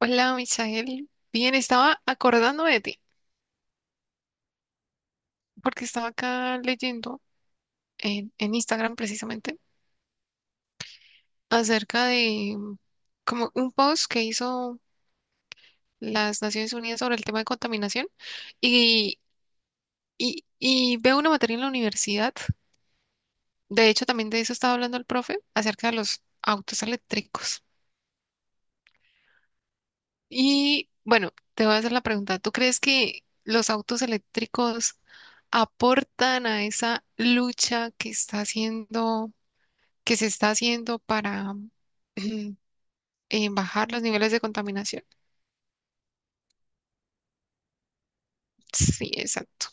Hola, Misael. Bien, estaba acordando de ti, porque estaba acá leyendo en Instagram precisamente acerca de como un post que hizo las Naciones Unidas sobre el tema de contaminación y, y veo una materia en la universidad. De hecho, también de eso estaba hablando el profe, acerca de los autos eléctricos. Y bueno, te voy a hacer la pregunta. ¿Tú crees que los autos eléctricos aportan a esa lucha que está haciendo, que se está haciendo para bajar los niveles de contaminación? Sí, exacto.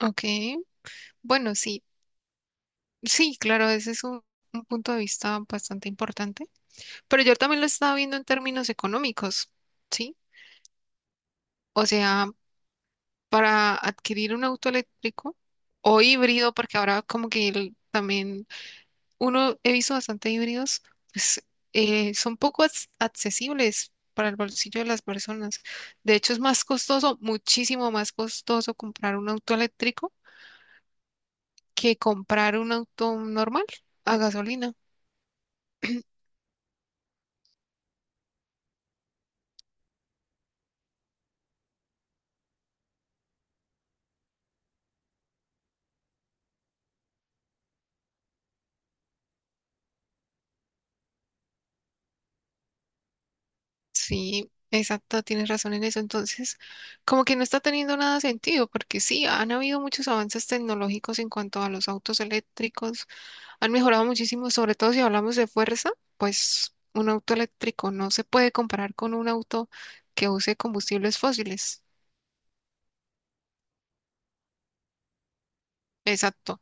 Ok. Bueno, sí, sí, claro, ese es un punto de vista bastante importante. Pero yo también lo estaba viendo en términos económicos, ¿sí? O sea, para adquirir un auto eléctrico o híbrido, porque ahora como que también uno he visto bastante híbridos, pues son poco accesibles para el bolsillo de las personas. De hecho, es más costoso, muchísimo más costoso comprar un auto eléctrico que comprar un auto normal a gasolina. Sí, exacto, tienes razón en eso. Entonces, como que no está teniendo nada sentido, porque sí, han habido muchos avances tecnológicos en cuanto a los autos eléctricos. Han mejorado muchísimo, sobre todo si hablamos de fuerza, pues un auto eléctrico no se puede comparar con un auto que use combustibles fósiles. Exacto,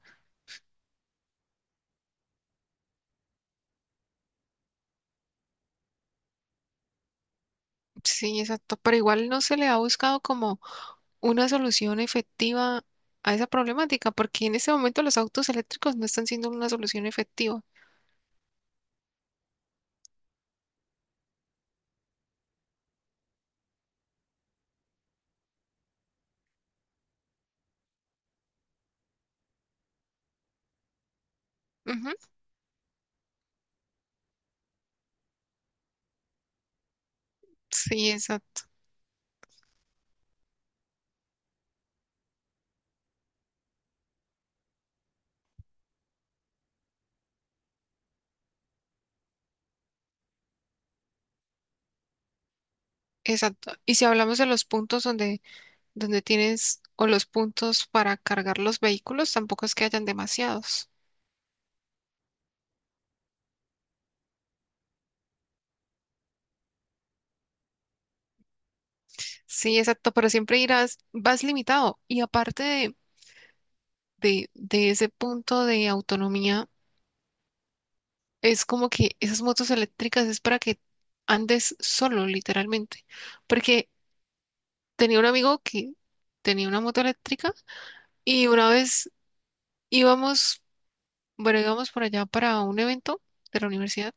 sí, exacto, pero igual no se le ha buscado como una solución efectiva a esa problemática, porque en este momento los autos eléctricos no están siendo una solución efectiva. Ujú. Sí, exacto, exacto. Y si hablamos de los puntos donde tienes o los puntos para cargar los vehículos, tampoco es que hayan demasiados. Sí, exacto, pero siempre irás, vas limitado. Y aparte de ese punto de autonomía, es como que esas motos eléctricas es para que andes solo, literalmente. Porque tenía un amigo que tenía una moto eléctrica y una vez íbamos, bueno, íbamos por allá para un evento de la universidad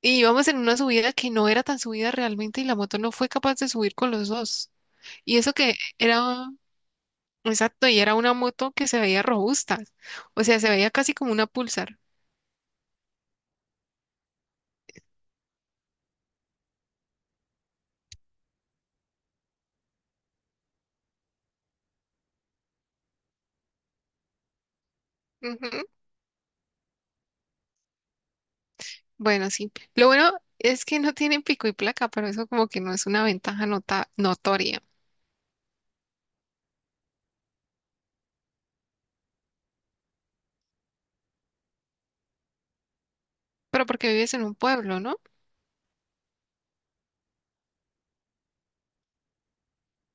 y íbamos en una subida que no era tan subida realmente y la moto no fue capaz de subir con los dos. Y eso que era... Exacto, y era una moto que se veía robusta, o sea, se veía casi como una Pulsar. Ujú. Bueno, sí. Lo bueno es que no tienen pico y placa, pero eso como que no es una ventaja nota notoria. Pero porque vives en un pueblo, ¿no?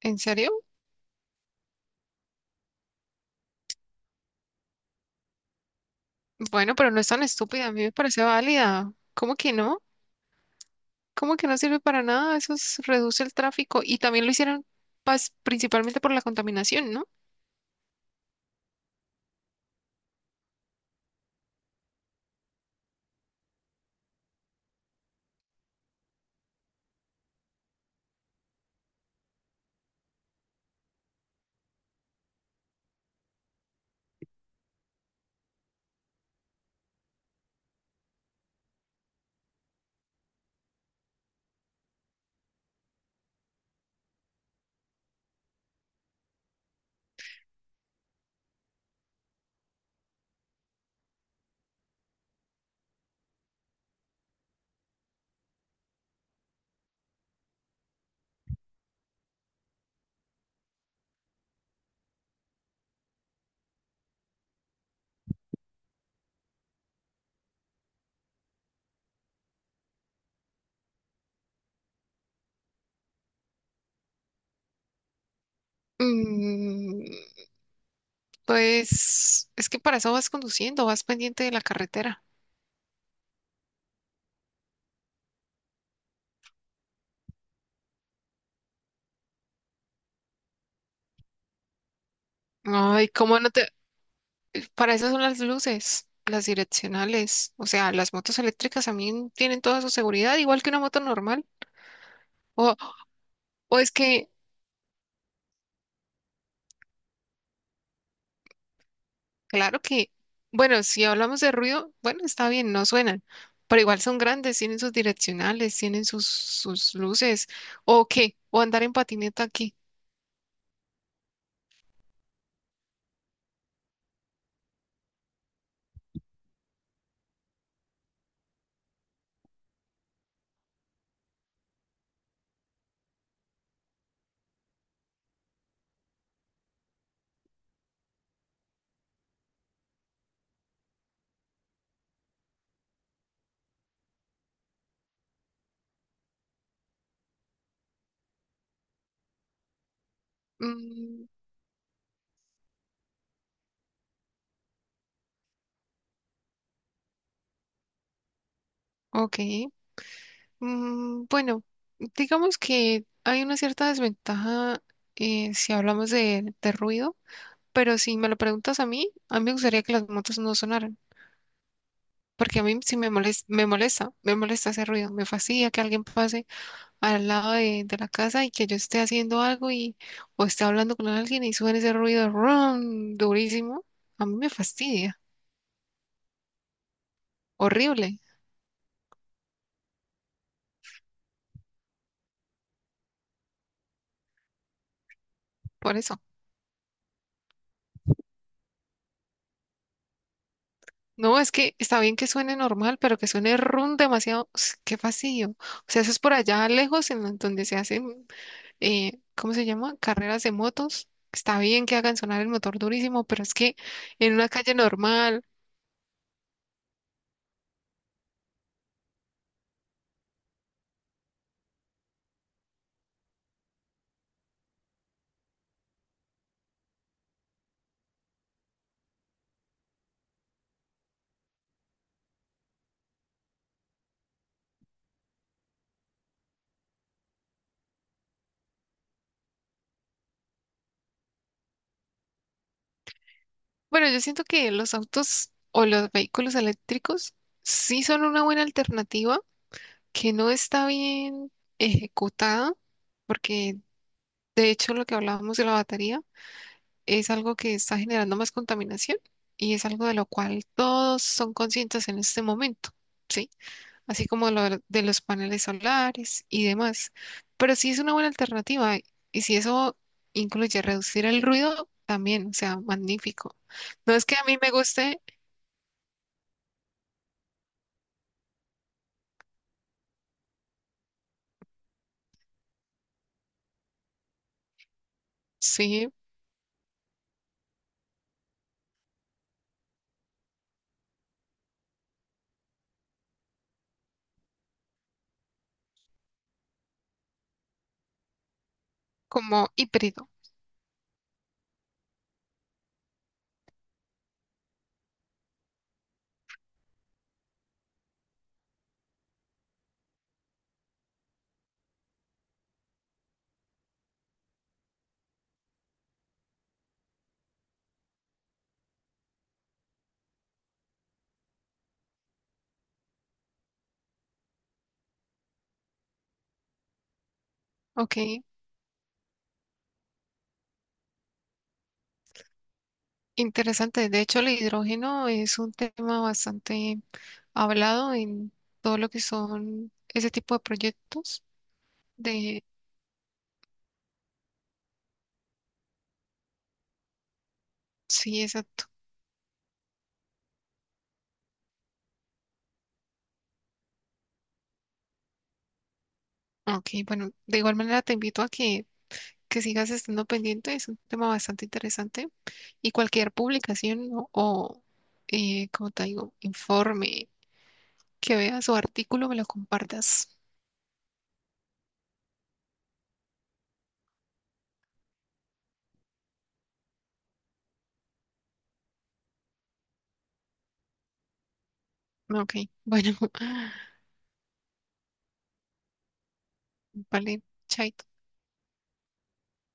¿En serio? Bueno, pero no es tan estúpida, a mí me parece válida. ¿Cómo que no? ¿Cómo que no sirve para nada? Reduce el tráfico y también lo hicieron principalmente por la contaminación, ¿no? Mm, pues es que para eso vas conduciendo, vas pendiente de la carretera. Ay, ¿cómo no te...? Para eso son las luces, las direccionales. O sea, las motos eléctricas también tienen toda su seguridad, igual que una moto normal. O, o es que, claro que, bueno, si hablamos de ruido, bueno, está bien, no suenan, pero igual son grandes, tienen sus direccionales, tienen sus luces. ¿O qué? ¿O andar en patineta aquí? Mm, ok. Mm, bueno, digamos que hay una cierta desventaja si hablamos de ruido. Pero si me lo preguntas a mí me gustaría que las motos no sonaran, porque a mí sí me molesta, me molesta, me molesta ese ruido, me fastidia que alguien pase al lado de la casa y que yo esté haciendo algo y o esté hablando con alguien y suene ese ruido ron durísimo, a mí me fastidia, horrible, por eso. No, es que está bien que suene normal, pero que suene ron demasiado, qué fastidio. O sea, eso es por allá lejos en donde se hace ¿cómo se llama? Carreras de motos. Está bien que hagan sonar el motor durísimo, pero es que en una calle normal, bueno, yo siento que los autos o los vehículos eléctricos sí son una buena alternativa que no está bien ejecutada, porque de hecho lo que hablábamos de la batería es algo que está generando más contaminación y es algo de lo cual todos son conscientes en este momento, ¿sí? Así como lo de los paneles solares y demás. Pero sí es una buena alternativa y si eso incluye reducir el ruido, también, o sea, magnífico. No es que a mí me guste, sí, como híbrido, ok. Interesante. De hecho, el hidrógeno es un tema bastante hablado en todo lo que son ese tipo de proyectos de... Sí, exacto. Ok, bueno, de igual manera te invito que sigas estando pendiente. Es un tema bastante interesante. Y cualquier publicación, ¿no? O, como te digo, informe que veas o artículo me lo compartas. Ok, bueno, vale, chaito.